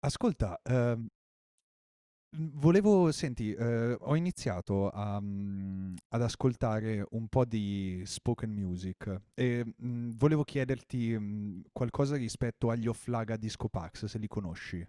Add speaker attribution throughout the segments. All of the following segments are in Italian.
Speaker 1: Ascolta, mhmm, ho iniziato ad ascoltare un po' di spoken music e, volevo chiederti, qualcosa rispetto agli Oplaga Discopax, se li conosci.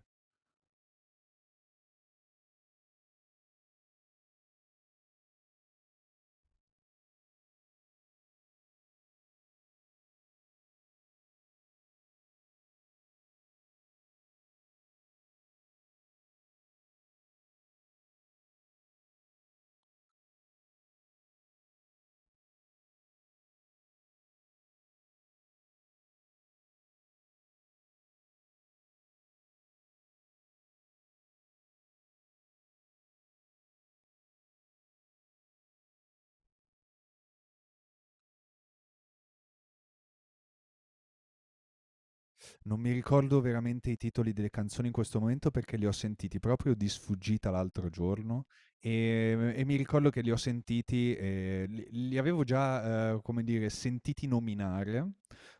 Speaker 1: Non mi ricordo veramente i titoli delle canzoni in questo momento perché li ho sentiti proprio di sfuggita l'altro giorno, e mi ricordo che li ho sentiti, li avevo già, come dire, sentiti nominare,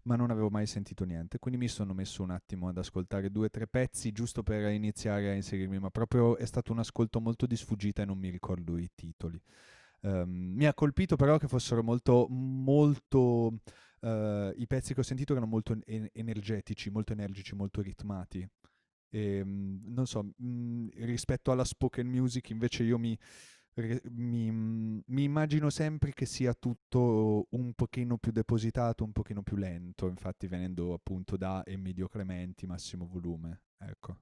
Speaker 1: ma non avevo mai sentito niente. Quindi mi sono messo un attimo ad ascoltare 2, 3 pezzi giusto per iniziare a inserirmi, ma proprio è stato un ascolto molto di sfuggita e non mi ricordo i titoli. Mi ha colpito però che fossero molto molto, i pezzi che ho sentito erano molto en en energetici, molto energici, molto ritmati. Non so, rispetto alla spoken music invece io mi re mi mhmm, mi immagino sempre che sia tutto un pochino più depositato, un pochino più lento, infatti venendo appunto da Emilio Clementi, Massimo Volume, ecco.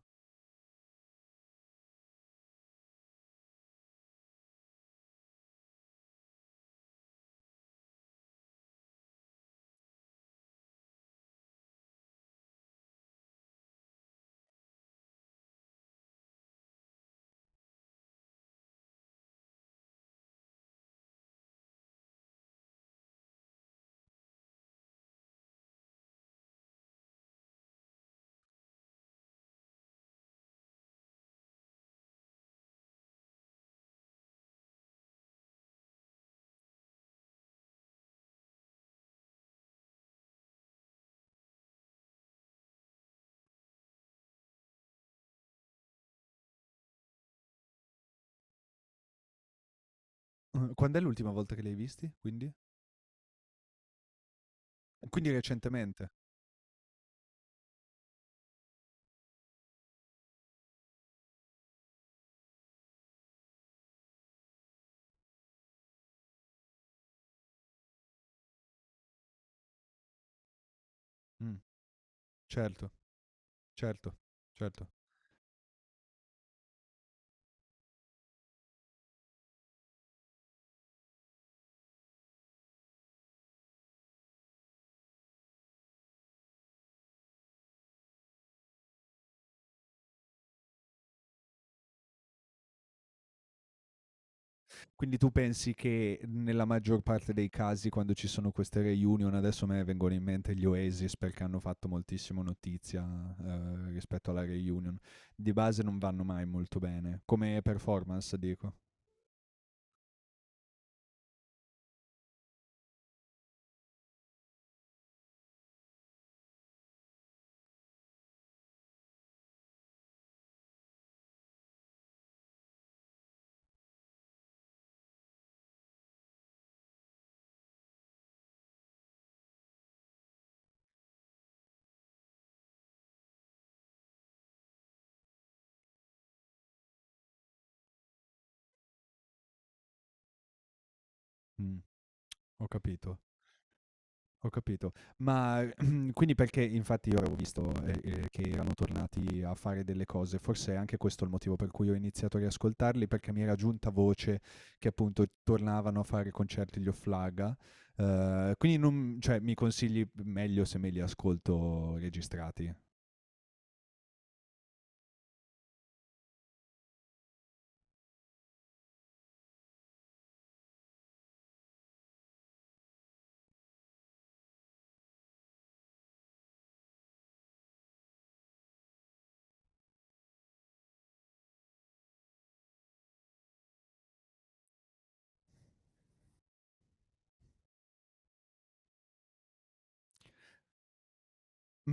Speaker 1: Quand'è l'ultima volta che li hai visti quindi? Quindi recentemente. Mh, certo. Certo, certo. Quindi tu pensi che nella maggior parte dei casi quando ci sono queste reunion, adesso a me vengono in mente gli Oasis perché hanno fatto moltissimo notizia, rispetto alla reunion, di base non vanno mai molto bene, come performance dico. Mm, ho capito. Ho capito. Ma quindi perché infatti io avevo visto, che erano tornati a fare delle cose, forse è anche questo il motivo per cui ho iniziato a riascoltarli, perché mi era giunta voce che appunto tornavano a fare concerti gli Offlaga, quindi non cioè mi consigli meglio se me li ascolto registrati?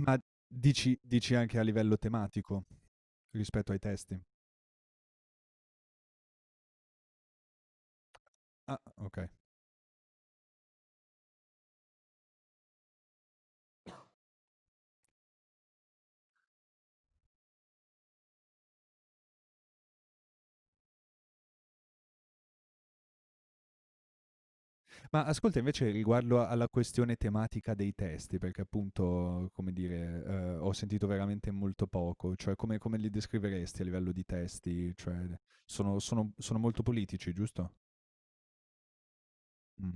Speaker 1: Ma dici anche a livello tematico rispetto ai testi? Ah, okay. Ma ascolta invece riguardo alla questione tematica dei testi, perché appunto, come dire, ho sentito veramente molto poco, cioè come li descriveresti a livello di testi? Cioè sono molto politici, giusto? Mh,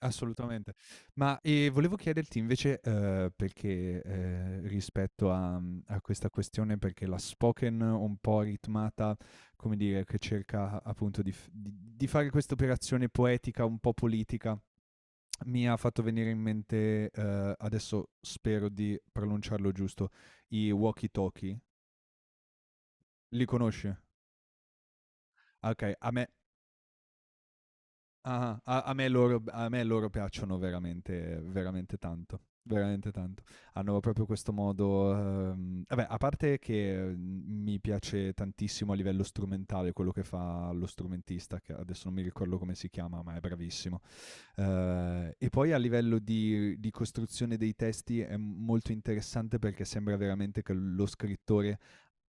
Speaker 1: assolutamente. Ma, volevo chiederti invece, perché, rispetto a questa questione perché la spoken un po' ritmata, come dire, che cerca appunto di f di fare questa operazione poetica un po' politica. Mi ha fatto venire in mente, adesso spero di pronunciarlo giusto, i walkie talkie. Li conosci? Ah, okay, a me ah-ah, a a me loro b a me loro piacciono veramente veramente tanto, veramente tanto. Hanno proprio questo modo. Vabbè, a parte che, mi piace tantissimo a livello strumentale quello che fa lo strumentista, che adesso non mi ricordo come si chiama, ma è bravissimo. E poi a livello di costruzione dei testi è molto interessante perché sembra veramente che lo scrittore,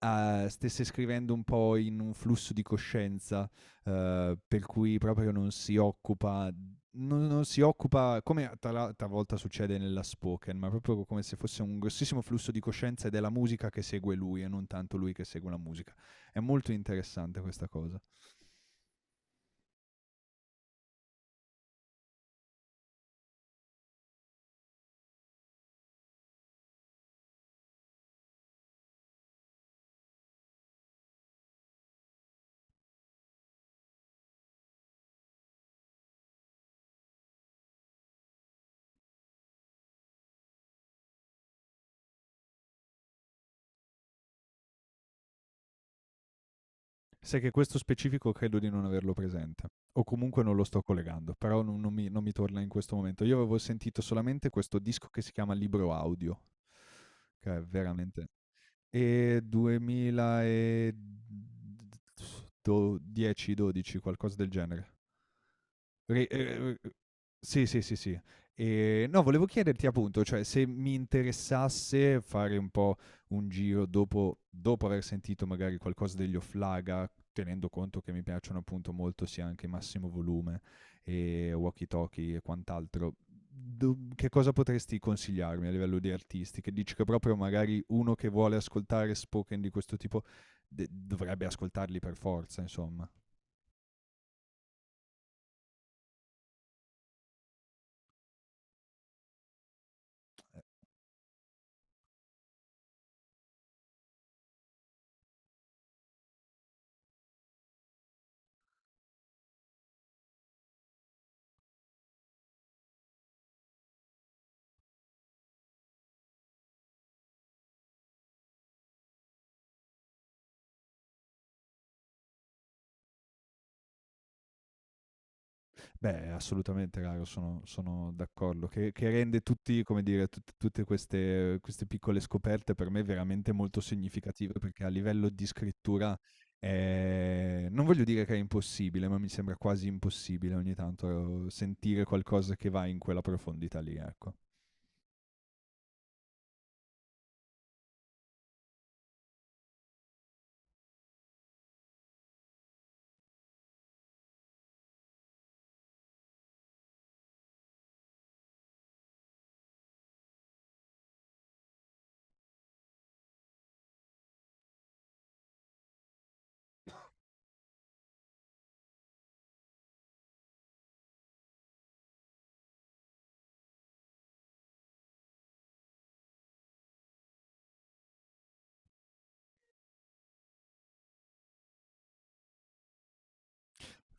Speaker 1: stesse scrivendo un po' in un flusso di coscienza, per cui proprio non si occupa, come talvolta succede nella spoken, ma proprio come se fosse un grossissimo flusso di coscienza ed è la musica che segue lui e non tanto lui che segue la musica. È molto interessante questa cosa. Sai che questo specifico credo di non averlo presente, o comunque non lo sto collegando, però non mi torna in questo momento. Io avevo sentito solamente questo disco che si chiama Libro Audio, che è veramente, e 2000 e do 10, 12, qualcosa del genere. Ri Sì, sì, sì, sì. No, volevo chiederti appunto, cioè se mi interessasse fare un po' un giro dopo aver sentito magari qualcosa degli Offlaga, tenendo conto che mi piacciono appunto molto sia anche Massimo Volume e walkie talkie e quant'altro, che cosa potresti consigliarmi a livello di artisti? Che dici che proprio magari uno che vuole ascoltare spoken di questo tipo dovrebbe ascoltarli per forza, insomma. Beh, assolutamente, Caro, sono d'accordo. Che rende tutti, come dire, tutte queste piccole scoperte per me veramente molto significative, perché a livello di scrittura non voglio dire che è impossibile, ma mi sembra quasi impossibile ogni tanto sentire qualcosa che va in quella profondità lì, ecco.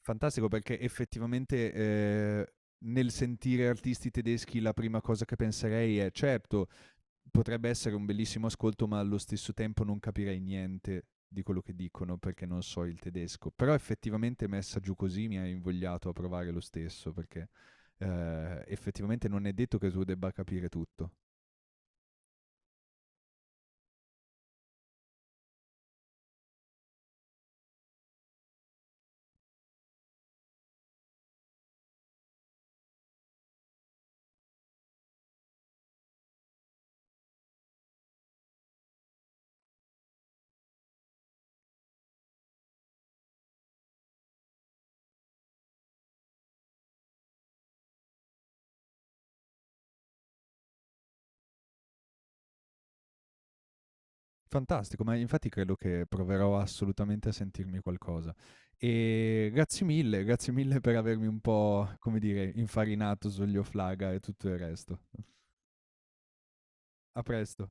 Speaker 1: Fantastico, perché effettivamente, nel sentire artisti tedeschi la prima cosa che penserei è, certo, potrebbe essere un bellissimo ascolto, ma allo stesso tempo non capirei niente di quello che dicono perché non so il tedesco. Però effettivamente messa giù così mi ha invogliato a provare lo stesso, perché, effettivamente non è detto che tu debba capire tutto. Fantastico, ma infatti credo che proverò assolutamente a sentirmi qualcosa. E grazie mille per avermi un po', come dire, infarinato sugli Oflaga e tutto il resto. A presto.